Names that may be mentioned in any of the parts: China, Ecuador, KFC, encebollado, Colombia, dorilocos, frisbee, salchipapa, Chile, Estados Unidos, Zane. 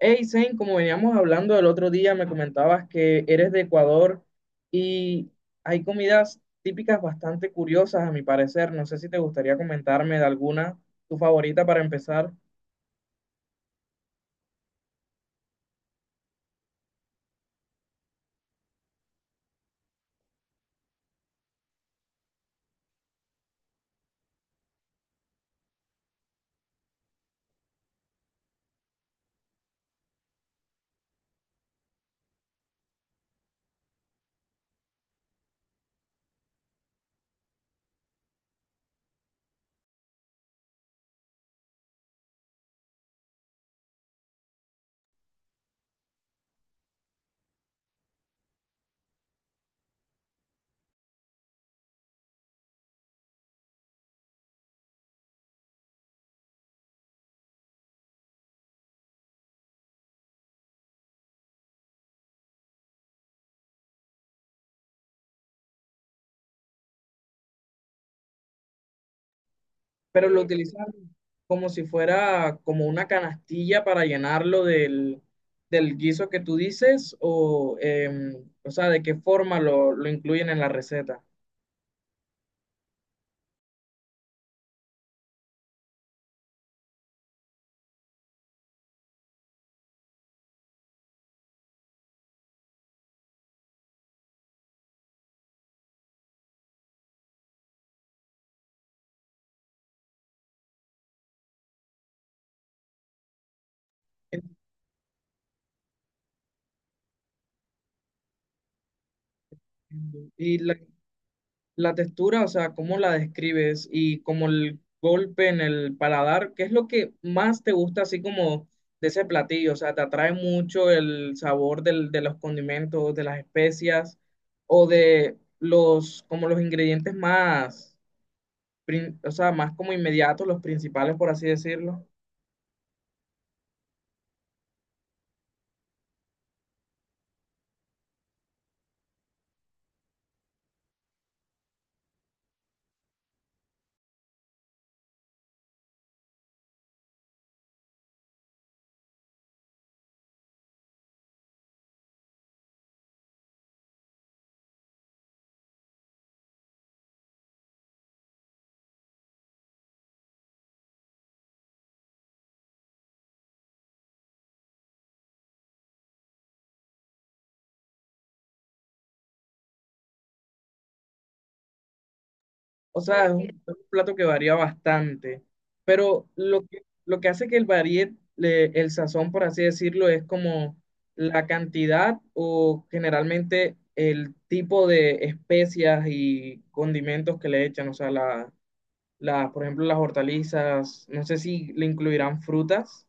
Hey, Zane, como veníamos hablando el otro día, me comentabas que eres de Ecuador y hay comidas típicas bastante curiosas, a mi parecer. No sé si te gustaría comentarme de alguna, tu favorita para empezar, pero lo utilizan como si fuera como una canastilla para llenarlo del guiso que tú dices o, o sea, de qué forma lo incluyen en la receta. Entiendo. La textura, o sea, ¿cómo la describes? Y como el golpe en el paladar, ¿qué es lo que más te gusta así como de ese platillo? O sea, ¿te atrae mucho el sabor de los condimentos, de las especias o de los, como los ingredientes más, o sea, más como inmediatos, los principales, por así decirlo? O sea, es es un plato que varía bastante, pero lo lo que hace que el varíe el sazón, por así decirlo, es como la cantidad o generalmente el tipo de especias y condimentos que le echan. O sea, la- por ejemplo, las hortalizas, no sé si le incluirán frutas.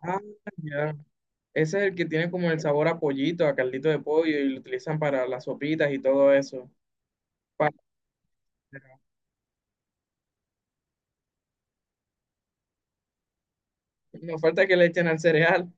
Ah, ya. Ese es el que tiene como el sabor a pollito, a caldito de pollo y lo utilizan para las sopitas y todo eso. Pa- no falta que le echen al cereal.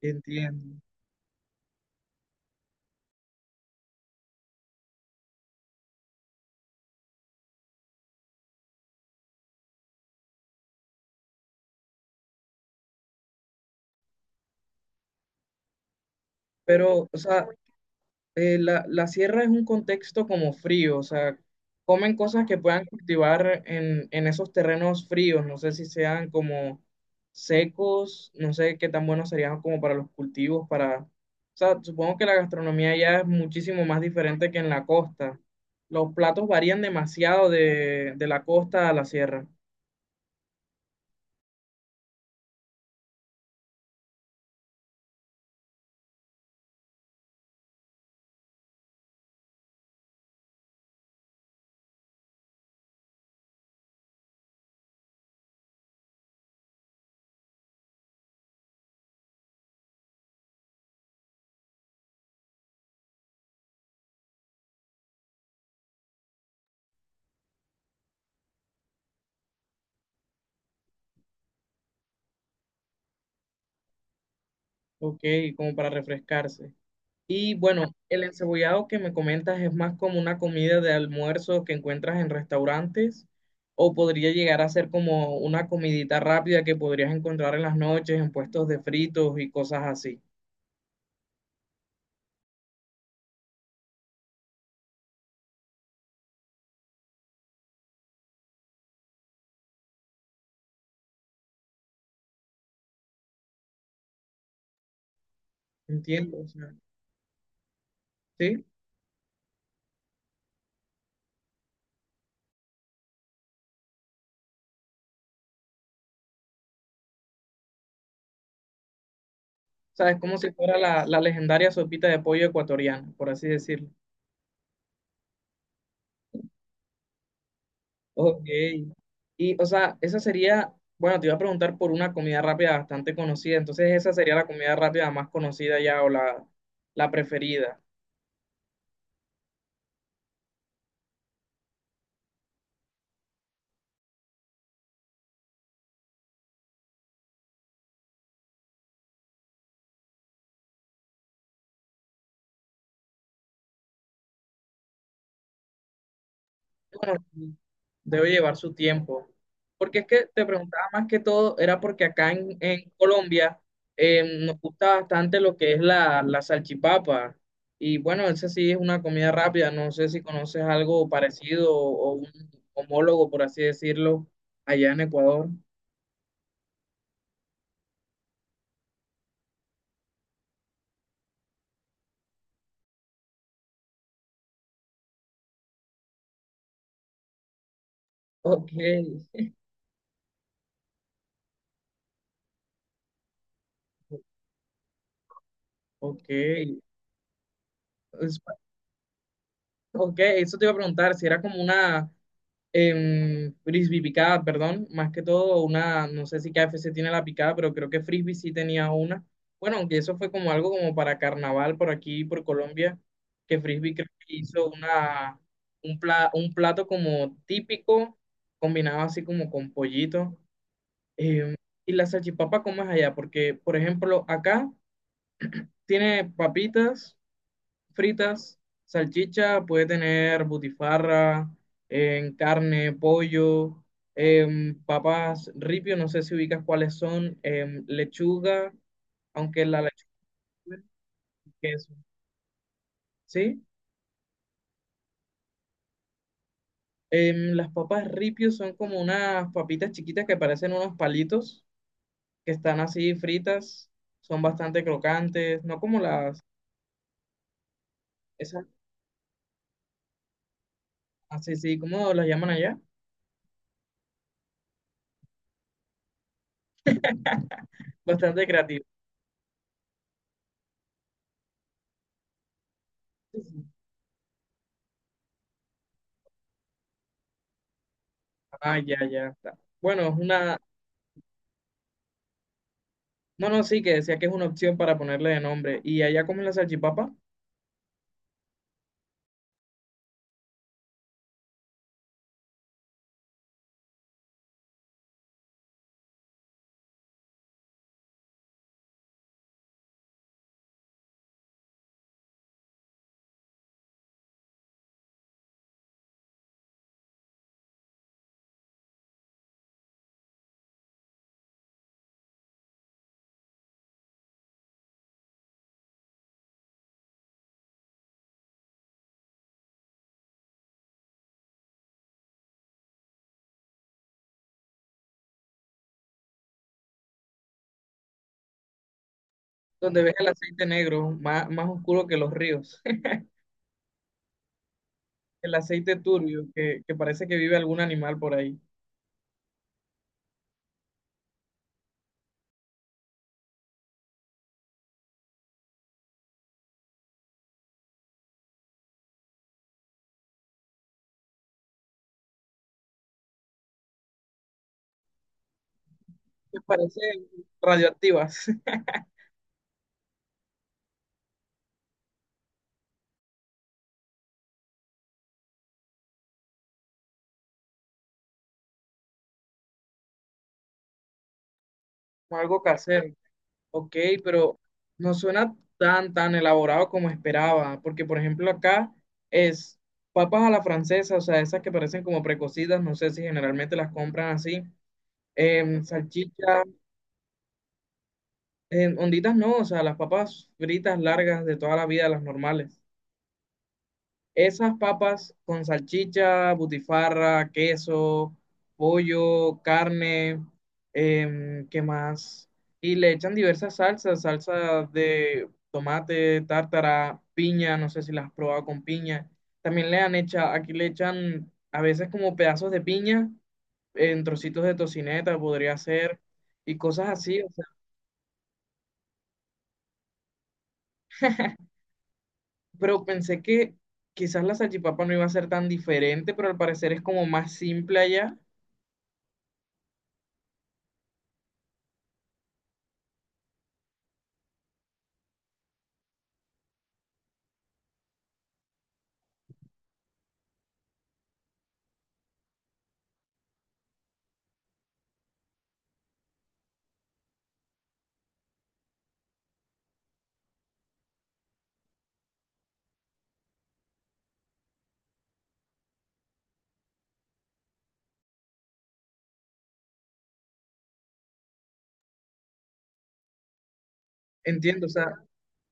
Entiendo. Pero, o sea, la sierra es un contexto como frío, o sea, comen cosas que puedan cultivar en esos terrenos fríos, no sé si sean como secos, no sé qué tan buenos serían como para los cultivos, para, o sea, supongo que la gastronomía ya es muchísimo más diferente que en la costa. Los platos varían demasiado de la costa a la sierra, ok, como para refrescarse. Y bueno, el encebollado que me comentas es más como una comida de almuerzo que encuentras en restaurantes o podría llegar a ser como una comidita rápida que podrías encontrar en las noches en puestos de fritos y cosas así. Entiendo, o sea, ¿sí? O sea, es como si fuera la legendaria sopita de pollo ecuatoriana, por así decirlo. Ok. Y, o sea, esa sería, bueno, te iba a preguntar por una comida rápida bastante conocida, entonces esa sería la comida rápida más conocida ya o la preferida. Bueno, debe llevar su tiempo. Porque es que te preguntaba más que todo, era porque acá en Colombia nos gusta bastante lo que es la salchipapa. Y bueno, esa sí es una comida rápida. No sé si conoces algo parecido o un homólogo, por así decirlo, allá en Ecuador. Ok, ok. Es- Ok, eso te iba a preguntar, si era como frisbee picada, perdón, más que todo una, no sé si KFC tiene la picada, pero creo que frisbee sí tenía una. Bueno, aunque eso fue como algo como para carnaval por aquí, por Colombia, que frisbee creo que hizo una, un plato como típico, combinado así como con pollito. Em, y la salchipapa, ¿cómo es allá? Porque, por ejemplo, acá tiene papitas fritas, salchicha, puede tener butifarra, en carne, pollo, papas ripio, no sé si ubicas cuáles son, lechuga, aunque la lechuga es queso, ¿sí? Las papas ripio son como unas papitas chiquitas que parecen unos palitos, que están así fritas, son bastante crocantes, no como esas, así, sí, ¿cómo las llaman allá? Bastante creativas. Ah, ya está. Bueno, es una No, no, sí, que decía que es una opción para ponerle de nombre. Y allá comen la salchipapa, donde ves el aceite negro, más oscuro que los ríos. El aceite turbio, que parece que vive algún animal por ahí. Que parece radioactivas, como algo casero. Ok, pero no suena tan elaborado como esperaba. Porque, por ejemplo, acá es papas a la francesa, o sea, esas que parecen como precocidas, no sé si generalmente las compran así. Em, salchicha, onditas no, o sea, las papas fritas largas de toda la vida, las normales. Esas papas con salchicha, butifarra, queso, pollo, carne, em, ¿qué más? Y le echan diversas salsas, salsa de tomate, tártara, piña, no sé si las has probado con piña. También le han hecho, aquí le echan a veces como pedazos de piña en trocitos de tocineta, podría ser, y cosas así. Pero pensé que quizás la salchipapa no iba a ser tan diferente, pero al parecer es como más simple allá. Entiendo, o sea,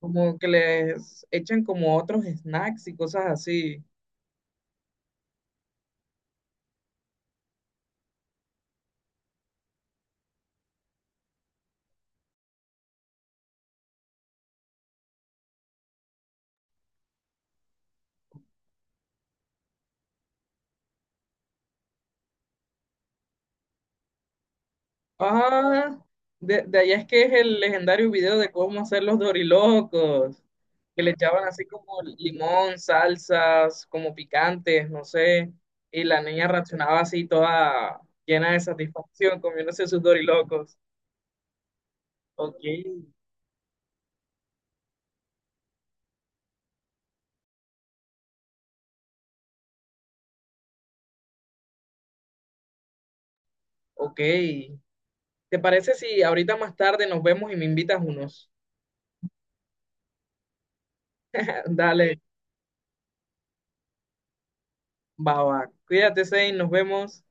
como que les echan como otros snacks y cosas así. Ah, de allá es que es el legendario video de cómo hacer los dorilocos, que le echaban así como limón, salsas, como picantes, no sé. Y la niña reaccionaba así toda llena de satisfacción comiéndose sus dorilocos. Ok, ok. ¿Te parece si ahorita más tarde nos vemos y me invitas unos? Dale, va. Cuídate, Zane, nos vemos.